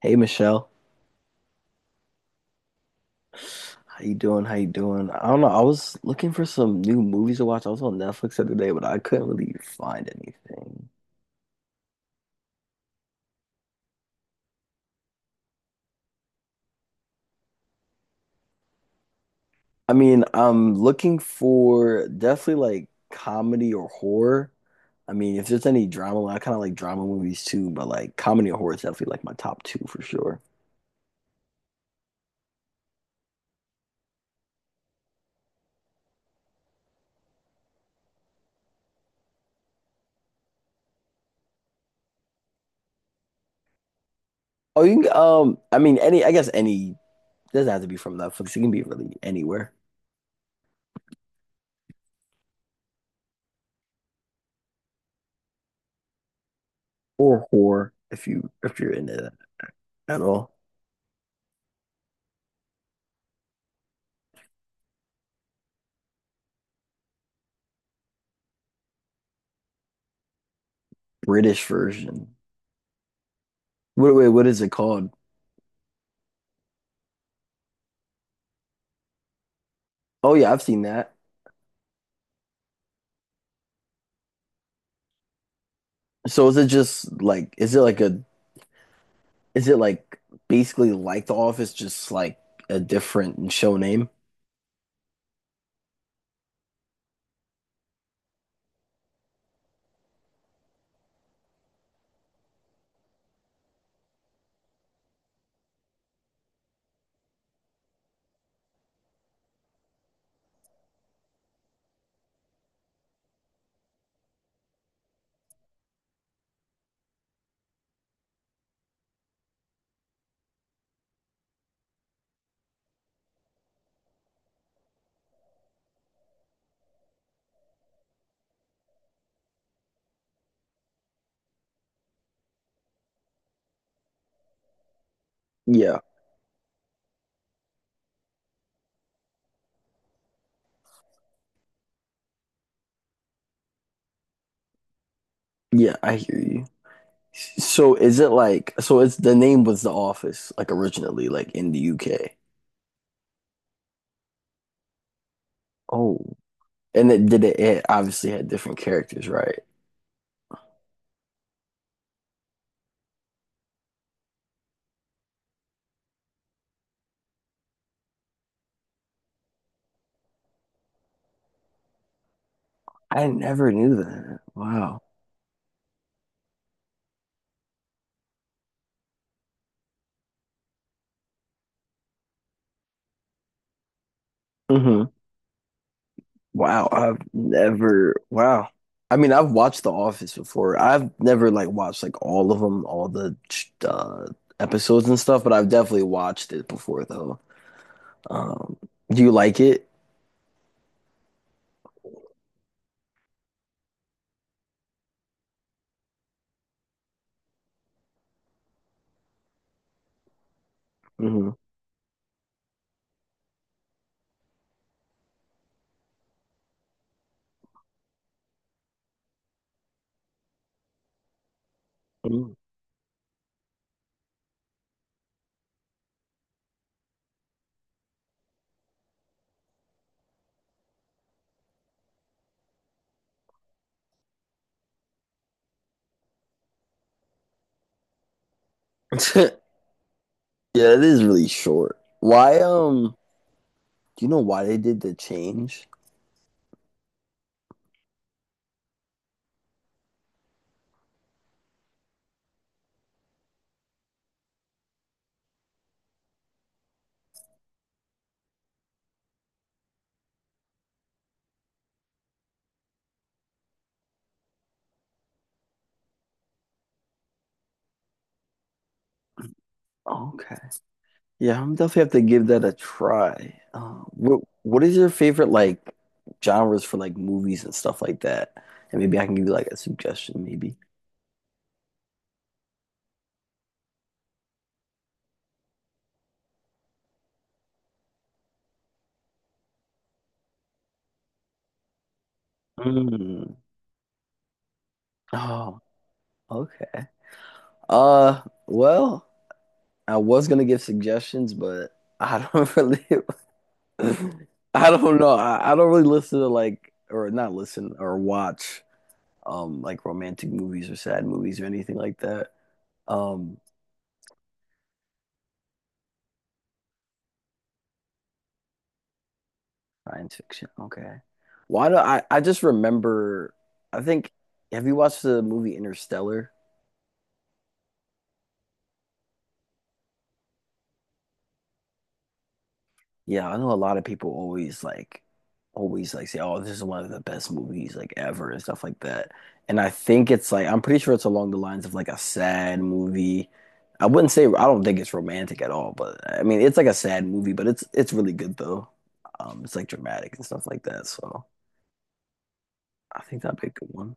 Hey Michelle, how you doing? How you doing? I don't know. I was looking for some new movies to watch. I was on Netflix the other day, but I couldn't really find anything. I mean, I'm looking for definitely like comedy or horror. I mean, if there's any drama, I kind of like drama movies too, but like comedy or horror is definitely like my top two for sure. Oh, you can, I mean, any, I guess any doesn't have to be from Netflix. It can be really anywhere or horror if you if you're into that at all. British version. Wait, what is it called? Oh yeah, I've seen that. So is it just like is it like a is it like basically like The Office just like a different show name? Yeah. Yeah, I hear you. So is it like so it's the name was The Office like originally like in the UK. Oh. And it did it, obviously had different characters, right? I never knew that. Wow. Mhm. Wow, I've never. Wow. I mean, I've watched The Office before. I've never like watched like all of them, all the uh, episodes and stuff, but I've definitely watched it before though. Um, do you like it? Hmm. Yeah, it is really short. Why, do you know why they did the change? Okay. Yeah, I'm definitely have to give that a try. What is your favorite like genres for like movies and stuff like that? And maybe I can give you like a suggestion, maybe. Mm. Oh, okay. Well, I was gonna give suggestions, but I don't really, I don't know. I don't really listen to like, or not listen or watch, like romantic movies or sad movies or anything like that. Um, Science fiction. Okay. Why do I? I just remember. I think. Have you watched the movie Interstellar? Yeah, I know a lot of people always like say, "Oh, this is one of the best movies like ever" and stuff like that. And I think it's like I'm pretty sure it's along the lines of like a sad movie. I wouldn't say I don't think it's romantic at all, but I mean it's like a sad movie, but it's really good though. It's like dramatic and stuff like that. So I think that'd be a good one.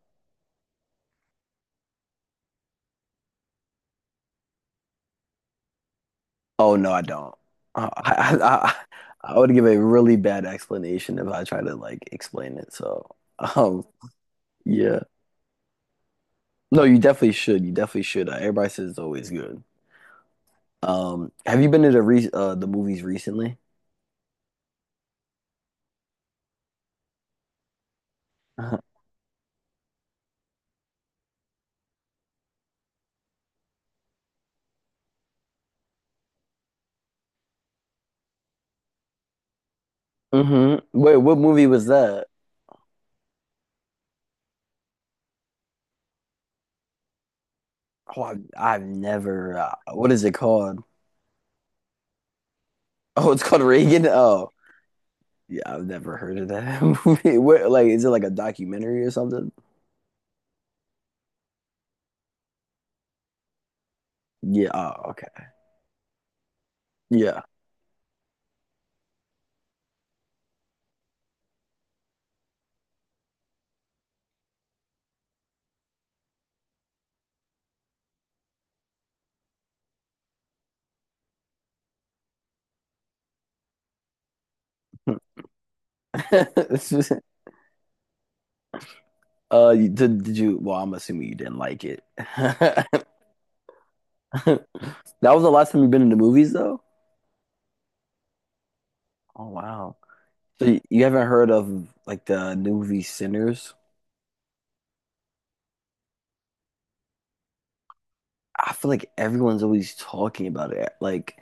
Oh no, I don't. Uh, I, I, I I would give a really bad explanation if I tried to like explain it. So yeah. No, you definitely should. You definitely should. Everybody says it's always good. Have you been to the movies recently? Uh hmm. Wait, what movie was that? I've never. What is it called? Oh, it's called Reagan. Oh, yeah, I've never heard of that movie. What, like, is it like a documentary or something? Yeah. Oh, okay. Yeah. It's just- Did you? Well, I'm assuming you didn't like it. That was the last time you've been in the movies, though. Oh wow. So you haven't heard of like the new movie Sinners? I feel like everyone's always talking about it. Like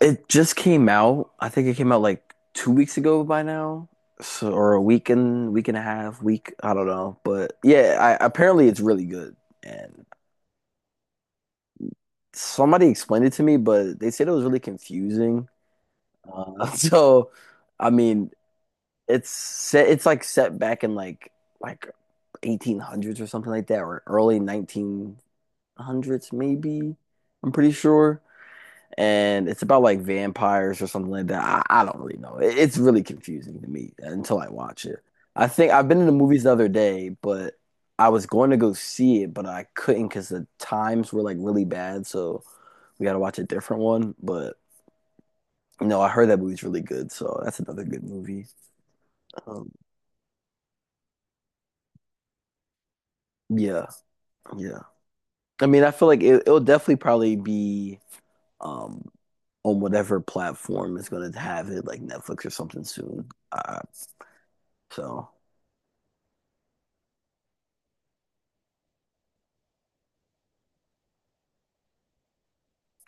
it just came out. I think it came out like 2 weeks ago by now, so or a week and week and a half, week. I don't know, but yeah, apparently it's really good. And somebody explained it to me, but they said it was really confusing. So, I mean, it's set. It's like set back in like 1800s or something like that, or early 1900s, maybe. I'm pretty sure. And it's about like vampires or something like that. I don't really know. It- it's really confusing to me until I watch it. I think I've been in the movies the other day, but I was going to go see it, but I couldn't because the times were like really bad. So we got to watch a different one. But you know, I heard that movie's really good. So that's another good movie. Um, yeah, yeah. I mean, I feel like it'll definitely probably be. um, on whatever platform is going to have it, like Netflix or something soon. Uh, so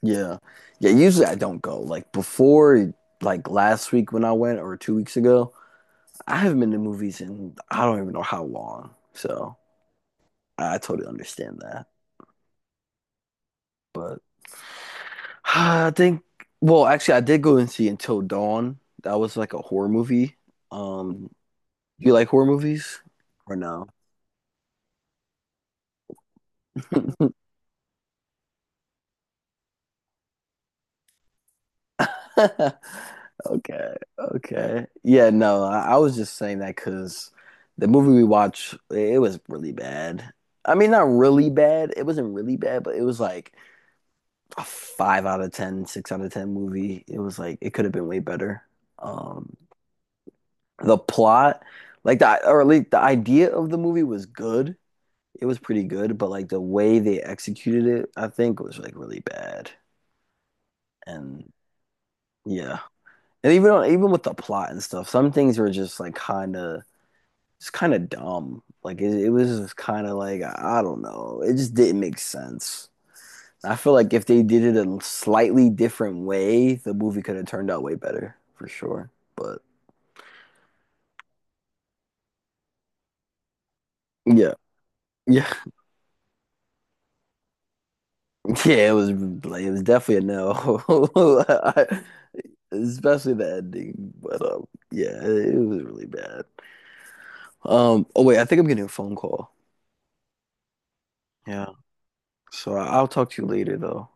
yeah, yeah. Usually I don't go. Like before, like last week when I went, or 2 weeks ago, I haven't been to movies in I don't even know how long. So I totally understand that. But I think, well, actually, I did go and see Until Dawn. That was like a horror movie. Um, do you like horror movies or no? Okay, okay. Yeah, no, I was just saying that because the movie we watched, it, was really bad. I mean, not really bad. It wasn't really bad, but it was like a 5 out of 10, 6 out of 10 movie. It was like it could have been way better. Um, the plot, like the or at least the idea of the movie was good. It was pretty good, but like the way they executed it, I think was like really bad. And yeah, and even on, even with the plot and stuff, some things were just like kind of. It's kind of dumb. Like it was kind of like I don't know. It just didn't make sense. I feel like if they did it a slightly different way, the movie could have turned out way better for sure. But yeah, yeah, yeah. It was like it was definitely a no, I- especially the ending. But yeah, it was really bad. Oh wait, I think I'm getting a phone call. Yeah. So I'll talk to you later though.